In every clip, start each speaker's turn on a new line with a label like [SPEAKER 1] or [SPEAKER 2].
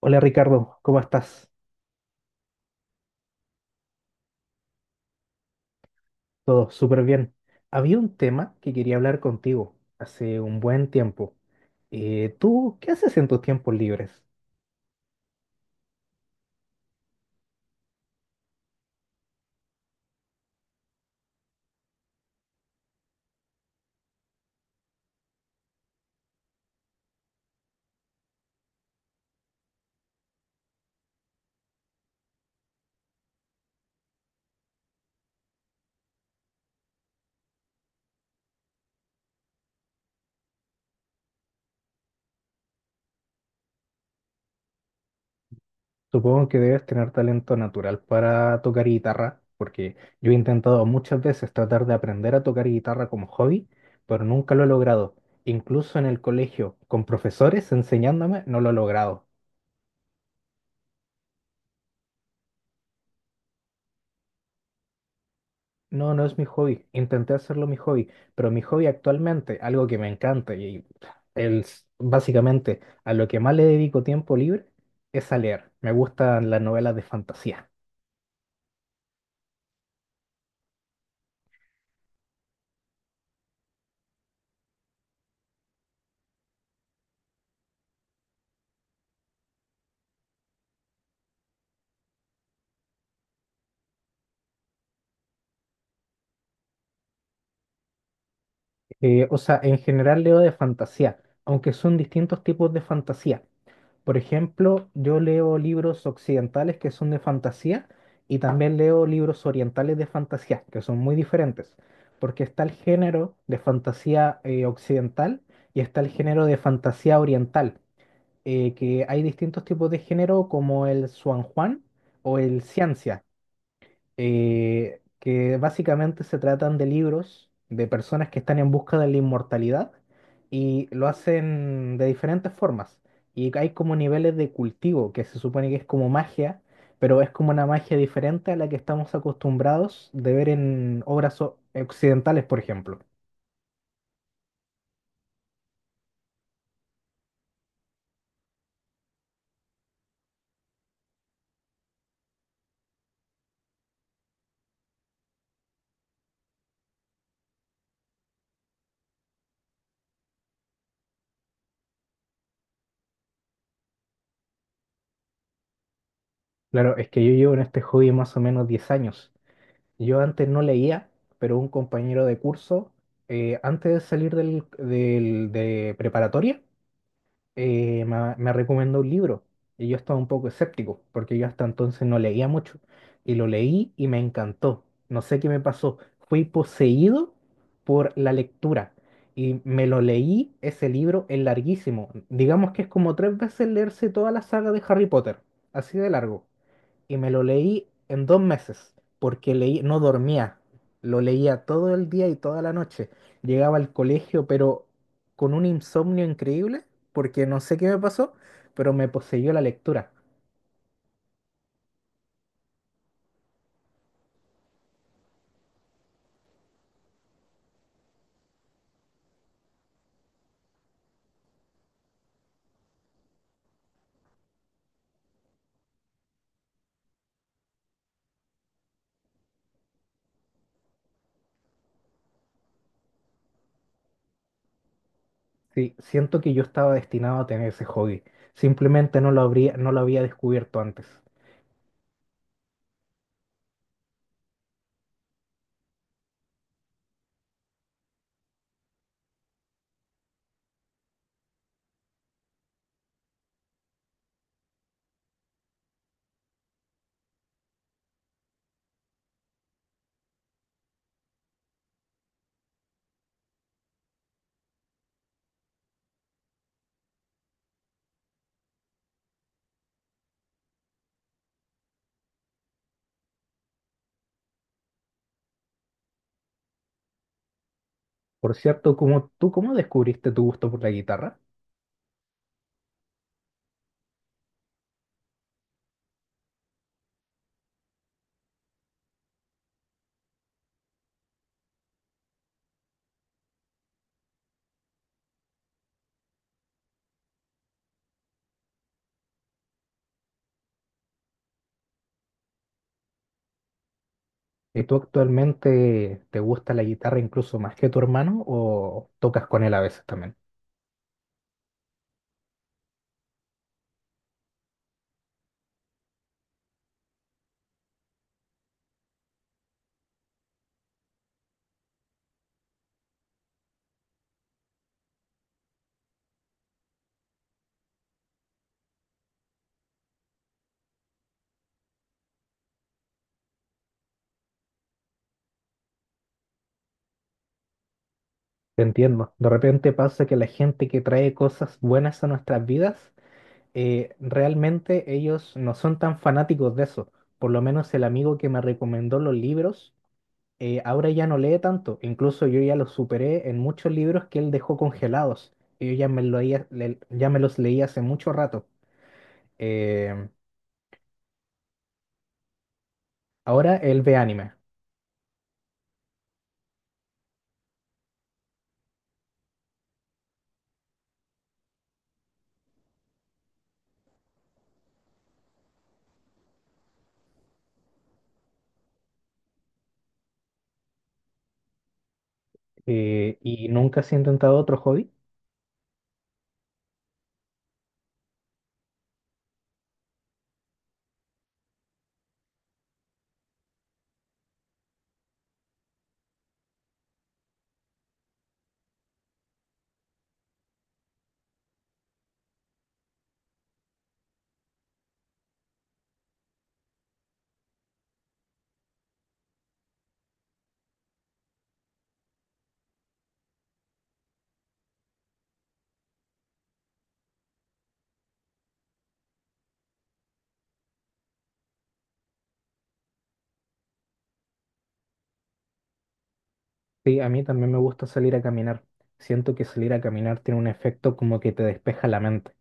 [SPEAKER 1] Hola Ricardo, ¿cómo estás? Todo súper bien. Había un tema que quería hablar contigo hace un buen tiempo. ¿Tú qué haces en tus tiempos libres? Supongo que debes tener talento natural para tocar guitarra, porque yo he intentado muchas veces tratar de aprender a tocar guitarra como hobby, pero nunca lo he logrado. Incluso en el colegio, con profesores enseñándome, no lo he logrado. No, no es mi hobby. Intenté hacerlo mi hobby, pero mi hobby actualmente, algo que me encanta y básicamente a lo que más le dedico tiempo libre es a leer. Me gustan las novelas de fantasía. O sea, en general leo de fantasía, aunque son distintos tipos de fantasía. Por ejemplo, yo leo libros occidentales que son de fantasía y también leo libros orientales de fantasía, que son muy diferentes, porque está el género de fantasía occidental y está el género de fantasía oriental, que hay distintos tipos de género como el Xuanjuan o el ciencia que básicamente se tratan de libros de personas que están en busca de la inmortalidad y lo hacen de diferentes formas. Y hay como niveles de cultivo, que se supone que es como magia, pero es como una magia diferente a la que estamos acostumbrados de ver en obras occidentales, por ejemplo. Claro, es que yo llevo en este hobby más o menos 10 años. Yo antes no leía, pero un compañero de curso, antes de salir de preparatoria, me recomendó un libro y yo estaba un poco escéptico porque yo hasta entonces no leía mucho y lo leí y me encantó. No sé qué me pasó, fui poseído por la lectura y me lo leí, ese libro es larguísimo. Digamos que es como tres veces leerse toda la saga de Harry Potter, así de largo y me lo leí en 2 meses, porque leí, no dormía, lo leía todo el día y toda la noche. Llegaba al colegio, pero con un insomnio increíble, porque no sé qué me pasó, pero me poseyó la lectura. Sí, siento que yo estaba destinado a tener ese hobby. Simplemente no lo había descubierto antes. Por cierto, ¿tú cómo descubriste tu gusto por la guitarra? ¿Y tú actualmente te gusta la guitarra incluso más que tu hermano o tocas con él a veces también? Te entiendo. De repente pasa que la gente que trae cosas buenas a nuestras vidas, realmente ellos no son tan fanáticos de eso. Por lo menos el amigo que me recomendó los libros, ahora ya no lee tanto. Incluso yo ya los superé en muchos libros que él dejó congelados. Y yo ya me, lo leía- le- ya me los leí hace mucho rato. Eh, Ahora él ve anime. ¿Y nunca has intentado otro hobby? Sí, a mí también me gusta salir a caminar. Siento que salir a caminar tiene un efecto como que te despeja la mente,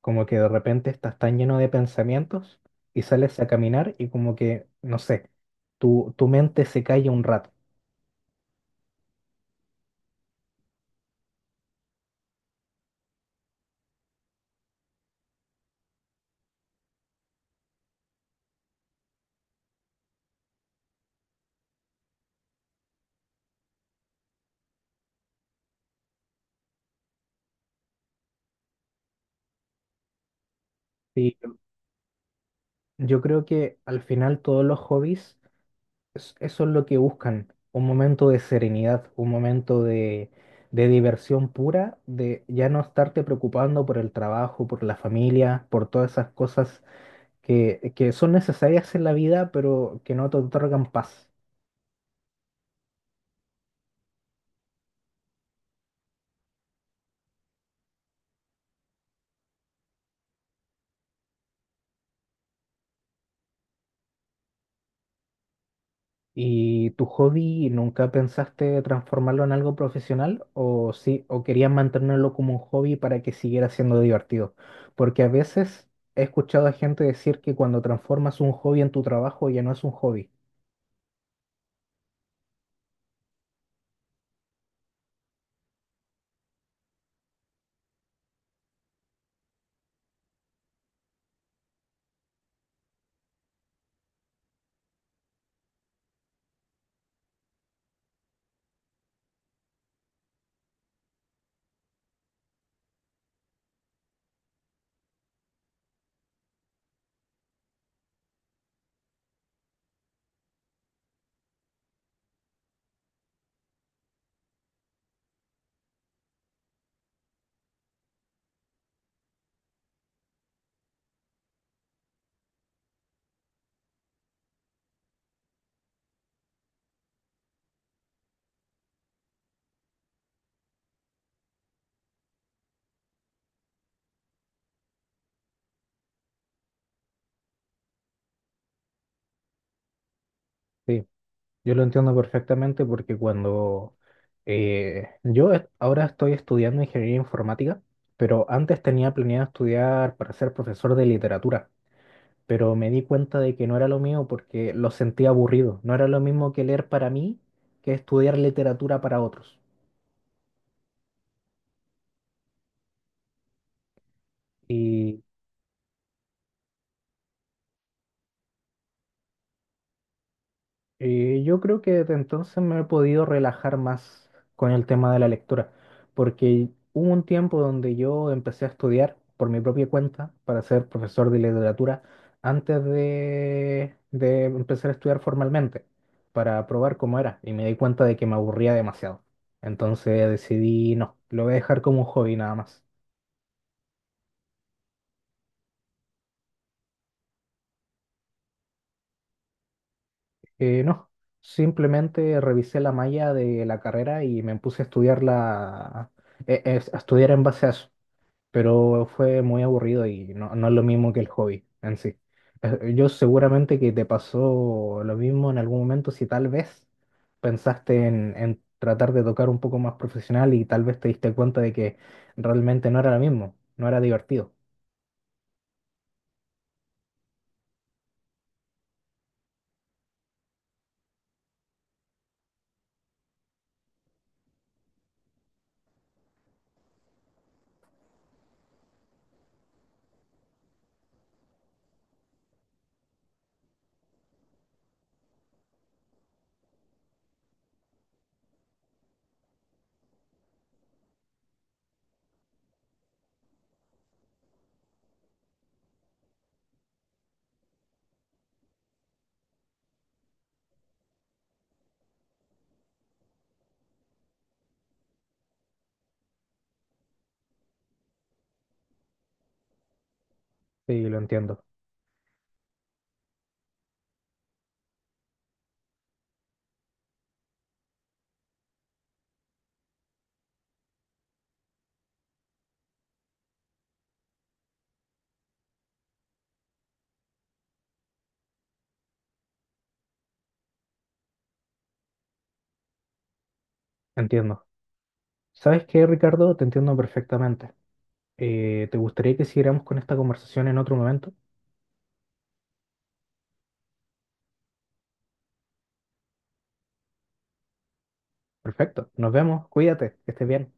[SPEAKER 1] como que de repente estás tan lleno de pensamientos y sales a caminar y como que, no sé, tu mente se calla un rato. Y yo creo que al final todos los hobbies, eso es lo que buscan, un momento de serenidad, un momento de diversión pura, de ya no estarte preocupando por el trabajo, por la familia, por todas esas cosas que son necesarias en la vida, pero que no te otorgan paz. ¿Y tu hobby nunca pensaste transformarlo en algo profesional o sí, o querías mantenerlo como un hobby para que siguiera siendo divertido? Porque a veces he escuchado a gente decir que cuando transformas un hobby en tu trabajo ya no es un hobby. Sí, yo lo entiendo perfectamente porque cuando ahora estoy estudiando ingeniería informática, pero antes tenía planeado estudiar para ser profesor de literatura, pero me di cuenta de que no era lo mío porque lo sentía aburrido. No era lo mismo que leer para mí que estudiar literatura para otros. Yo creo que desde entonces me he podido relajar más con el tema de la lectura, porque hubo un tiempo donde yo empecé a estudiar por mi propia cuenta para ser profesor de literatura antes de empezar a estudiar formalmente, para probar cómo era, y me di cuenta de que me aburría demasiado. Entonces decidí, no, lo voy a dejar como un hobby nada más. No, simplemente revisé la malla de la carrera y me puse a estudiarla, a estudiar en base a eso, pero fue muy aburrido y no, no es lo mismo que el hobby en sí. Yo seguramente que te pasó lo mismo en algún momento si tal vez pensaste en tratar de tocar un poco más profesional y tal vez te diste cuenta de que realmente no era lo mismo, no era divertido. Sí, lo entiendo, entiendo. ¿Sabes qué, Ricardo? Te entiendo perfectamente. ¿Te gustaría que siguiéramos con esta conversación en otro momento? Perfecto, nos vemos, cuídate, que estés bien.